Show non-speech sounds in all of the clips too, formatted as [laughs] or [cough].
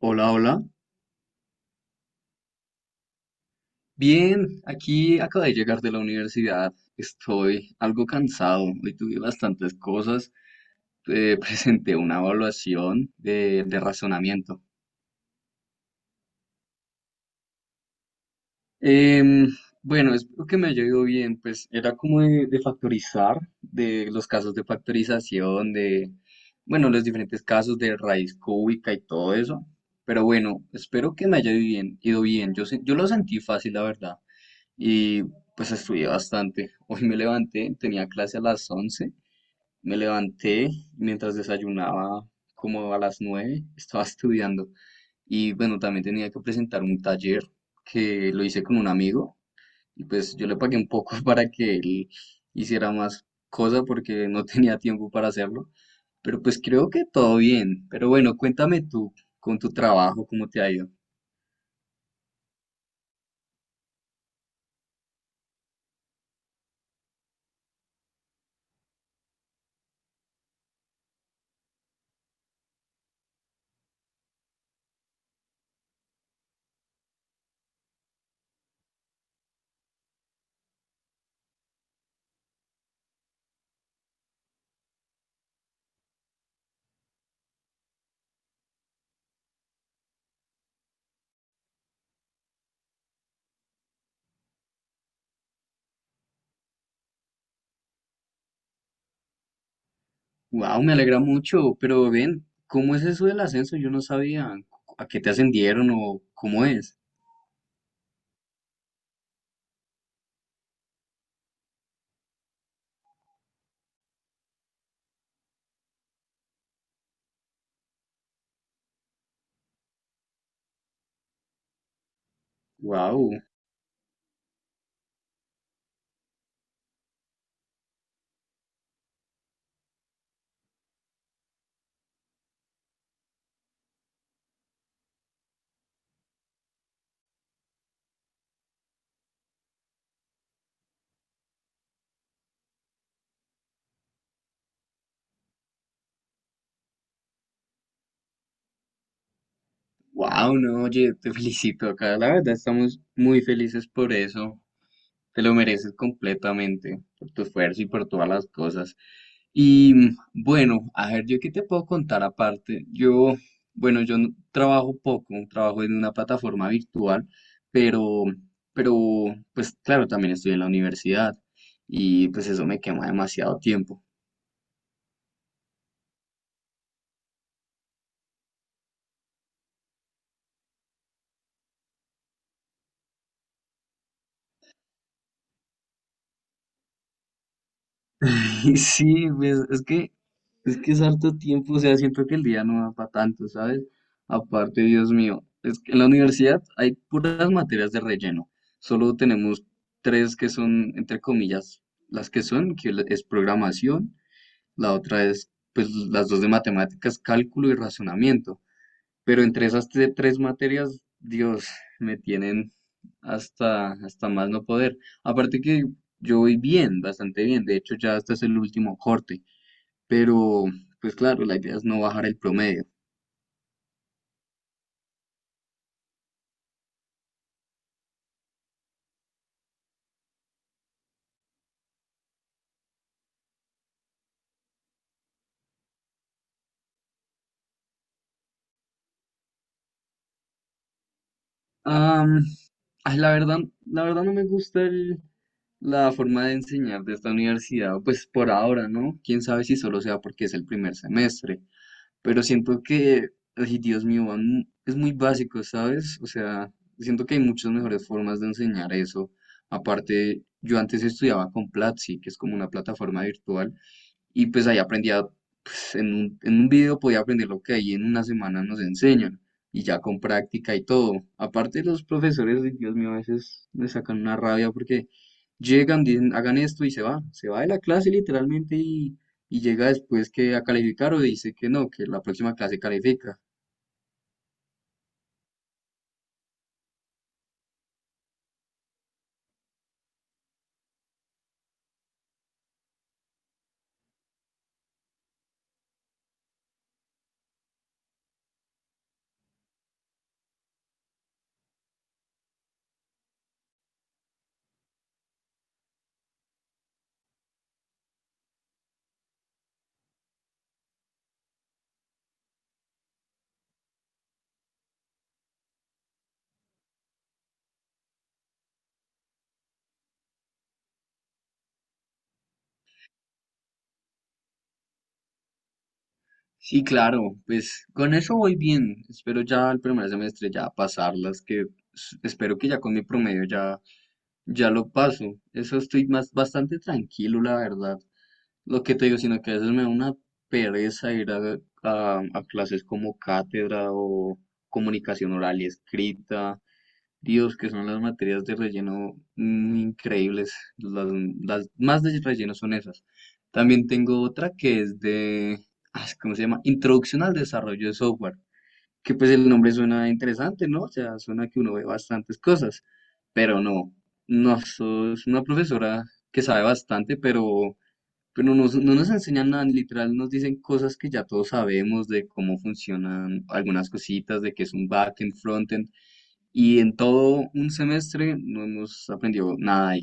Hola, hola. Bien, aquí acabo de llegar de la universidad. Estoy algo cansado. Hoy tuve bastantes cosas. [laughs] Presenté una evaluación de razonamiento. Em, bueno, espero que me haya ido bien. Pues era como de factorizar, de los casos de factorización, de, bueno, los diferentes casos de raíz cúbica y todo eso. Pero bueno, espero que me haya ido bien, ido bien. Yo, yo lo sentí fácil, la verdad. Y pues estudié bastante. [laughs] Hoy me levanté, tenía clase a las once. Me levanté y mientras desayunaba, como a las nueve, [laughs] estaba estudiando. Y bueno, también tenía que presentar un taller que lo hice con un amigo, y pues yo le pagué un poco [laughs] para que él hiciera más cosa porque no [laughs] tenía tiempo para hacerlo, pero pues creo que todo bien. Pero bueno, cuéntame tú con tu trabajo, ¿cómo te ha ido? Wow, me alegra mucho, pero ven, ¿cómo es eso del ascenso? Yo no sabía a qué te ascendieron o cómo es. Wow, wow, no, oye, te felicito acá, la verdad estamos muy felices por eso. Te lo mereces completamente por tu esfuerzo y por todas las cosas. Y mm, bueno, a ver, yo qué te puedo contar aparte. Yo, bueno, yo no- trabajo poco, trabajo en una plataforma virtual, pero, pero, pues claro, también estoy en la universidad y pues eso me quema demasiado tiempo. [laughs] Sí, pues es que, es que es harto tiempo, o sea, siento que el día no da para tanto, ¿sabes? Aparte, Dios mío, es que en la universidad hay puras materias de relleno, solo tenemos tres que son, entre comillas, las que son, es programación, la otra es, pues, las dos de matemáticas, cálculo y razonamiento. Pero entre esas tres materias, Dios, me tienen hasta, hasta más no poder. Aparte que yo voy bien, bastante bien. De hecho, ya este es el último corte. Pero, pues claro, la idea es no bajar el promedio. Am, ay, la verdad no me gusta la forma de enseñar de esta universidad, pues por ahora, ¿no? Quién sabe si solo sea porque es el primer semestre. Pero siento que, ay, Dios mío, es muy básico, ¿sabes? O sea, siento que hay muchas mejores formas de enseñar eso. Aparte, yo antes estudiaba con Platzi, que es como una plataforma virtual, y pues ahí aprendía, pues, en en un video podía aprender lo que ahí en una semana nos enseñan, y ya con práctica y todo. Aparte los profesores, ay, Dios mío, a veces me sacan una rabia porque llegan, dicen, hagan esto, y se va de la clase literalmente, y llega después que a calificar o dice que no, que la próxima clase califica. Sí, claro, pues con eso voy bien. Espero ya el primer semestre ya pasarlas, que espero que ya con mi promedio ya ya lo paso. Eso estoy más bastante tranquilo, la verdad. Lo que te digo, sino que a veces me da una pereza ir a, a clases como cátedra o comunicación oral y escrita. Dios, que son las materias de relleno, increíbles. Las más de relleno son esas. También tengo otra que es de, ah, ¿cómo se llama? Introducción al desarrollo de software, que pues el nombre suena interesante, ¿no? O sea, suena que uno ve bastantes cosas, pero no, no, es una profesora que sabe bastante, pero no, no nos enseñan nada, literal nos dicen cosas que ya todos sabemos de cómo funcionan algunas cositas, de qué es un backend, frontend, y en todo un semestre no hemos aprendido nada.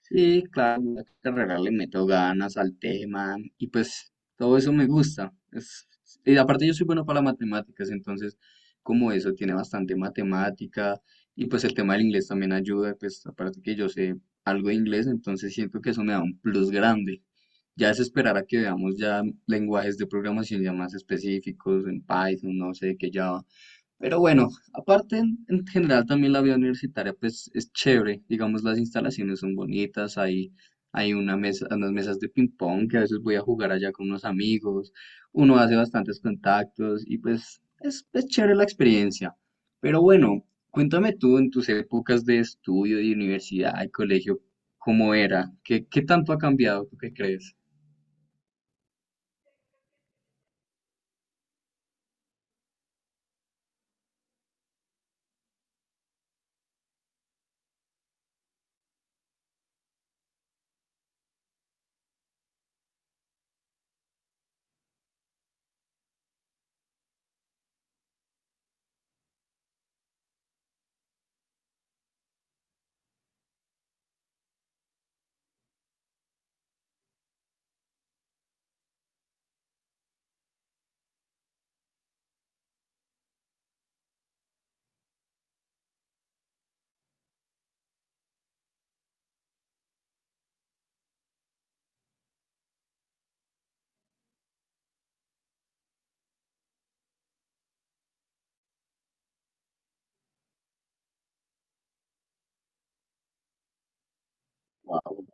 Sí, claro, la carrera le meto ganas al tema y pues todo eso me gusta. Es, y aparte yo soy bueno para las matemáticas, entonces como eso tiene bastante matemática, y pues el tema del inglés también ayuda, pues aparte que yo sé algo de inglés, entonces siento que eso me da un plus grande. Ya es esperar a que veamos ya lenguajes de programación ya más específicos en Python, no sé, que ya, pero bueno, aparte en general también la vida universitaria pues es chévere, digamos las instalaciones son bonitas, hay una mesa, unas mesas de ping pong que a veces voy a jugar allá con unos amigos, uno hace bastantes contactos y pues es chévere la experiencia. Pero bueno, cuéntame tú en tus épocas de estudio, de universidad y colegio, ¿cómo era? ¿Qué, qué tanto ha cambiado? ¿Tú qué crees? Wow,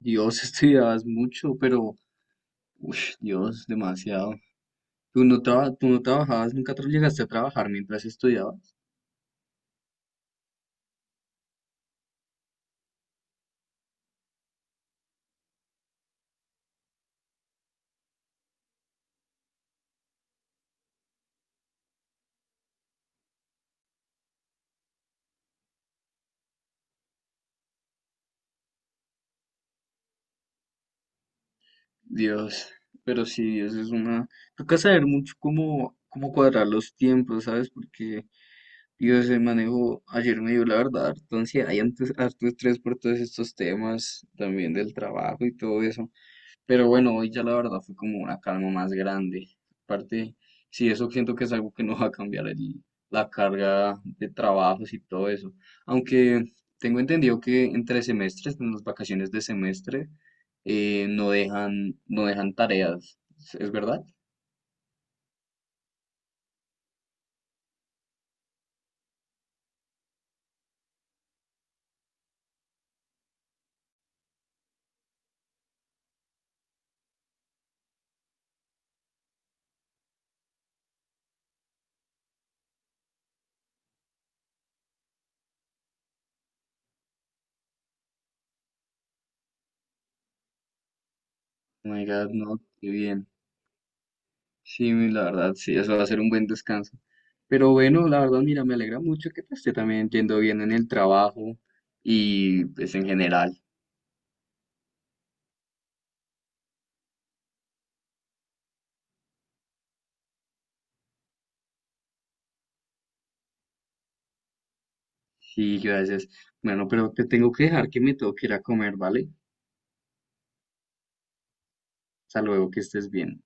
Dios, [laughs] estudiabas mucho, pero, uff, Dios, demasiado. ¿Tú no, tú no trabajabas, nunca llegaste a trabajar mientras estudiabas? Dios, pero sí, eso es una... Toca saber mucho cómo, cómo cuadrar los tiempos, ¿sabes? Porque, Dios, el manejo ayer me dio la verdad, entonces hay antes harto estrés por todos estos temas, también del trabajo y todo eso. Pero bueno, hoy ya la verdad fue como una calma más grande. Aparte, sí, eso siento que es algo que no va a cambiar la carga de trabajos y todo eso. Aunque tengo entendido que entre semestres, en las vacaciones de semestre, no dejan, no dejan tareas. Es verdad? Oh my God, no, qué bien. Sí, la verdad, sí, eso va a ser un buen descanso. Pero bueno, la verdad, mira, me alegra mucho que te esté también yendo bien en el trabajo y pues en general. Sí, gracias. Bueno, pero te tengo que dejar que me tengo que ir a comer, ¿vale? Hasta luego, que estés bien.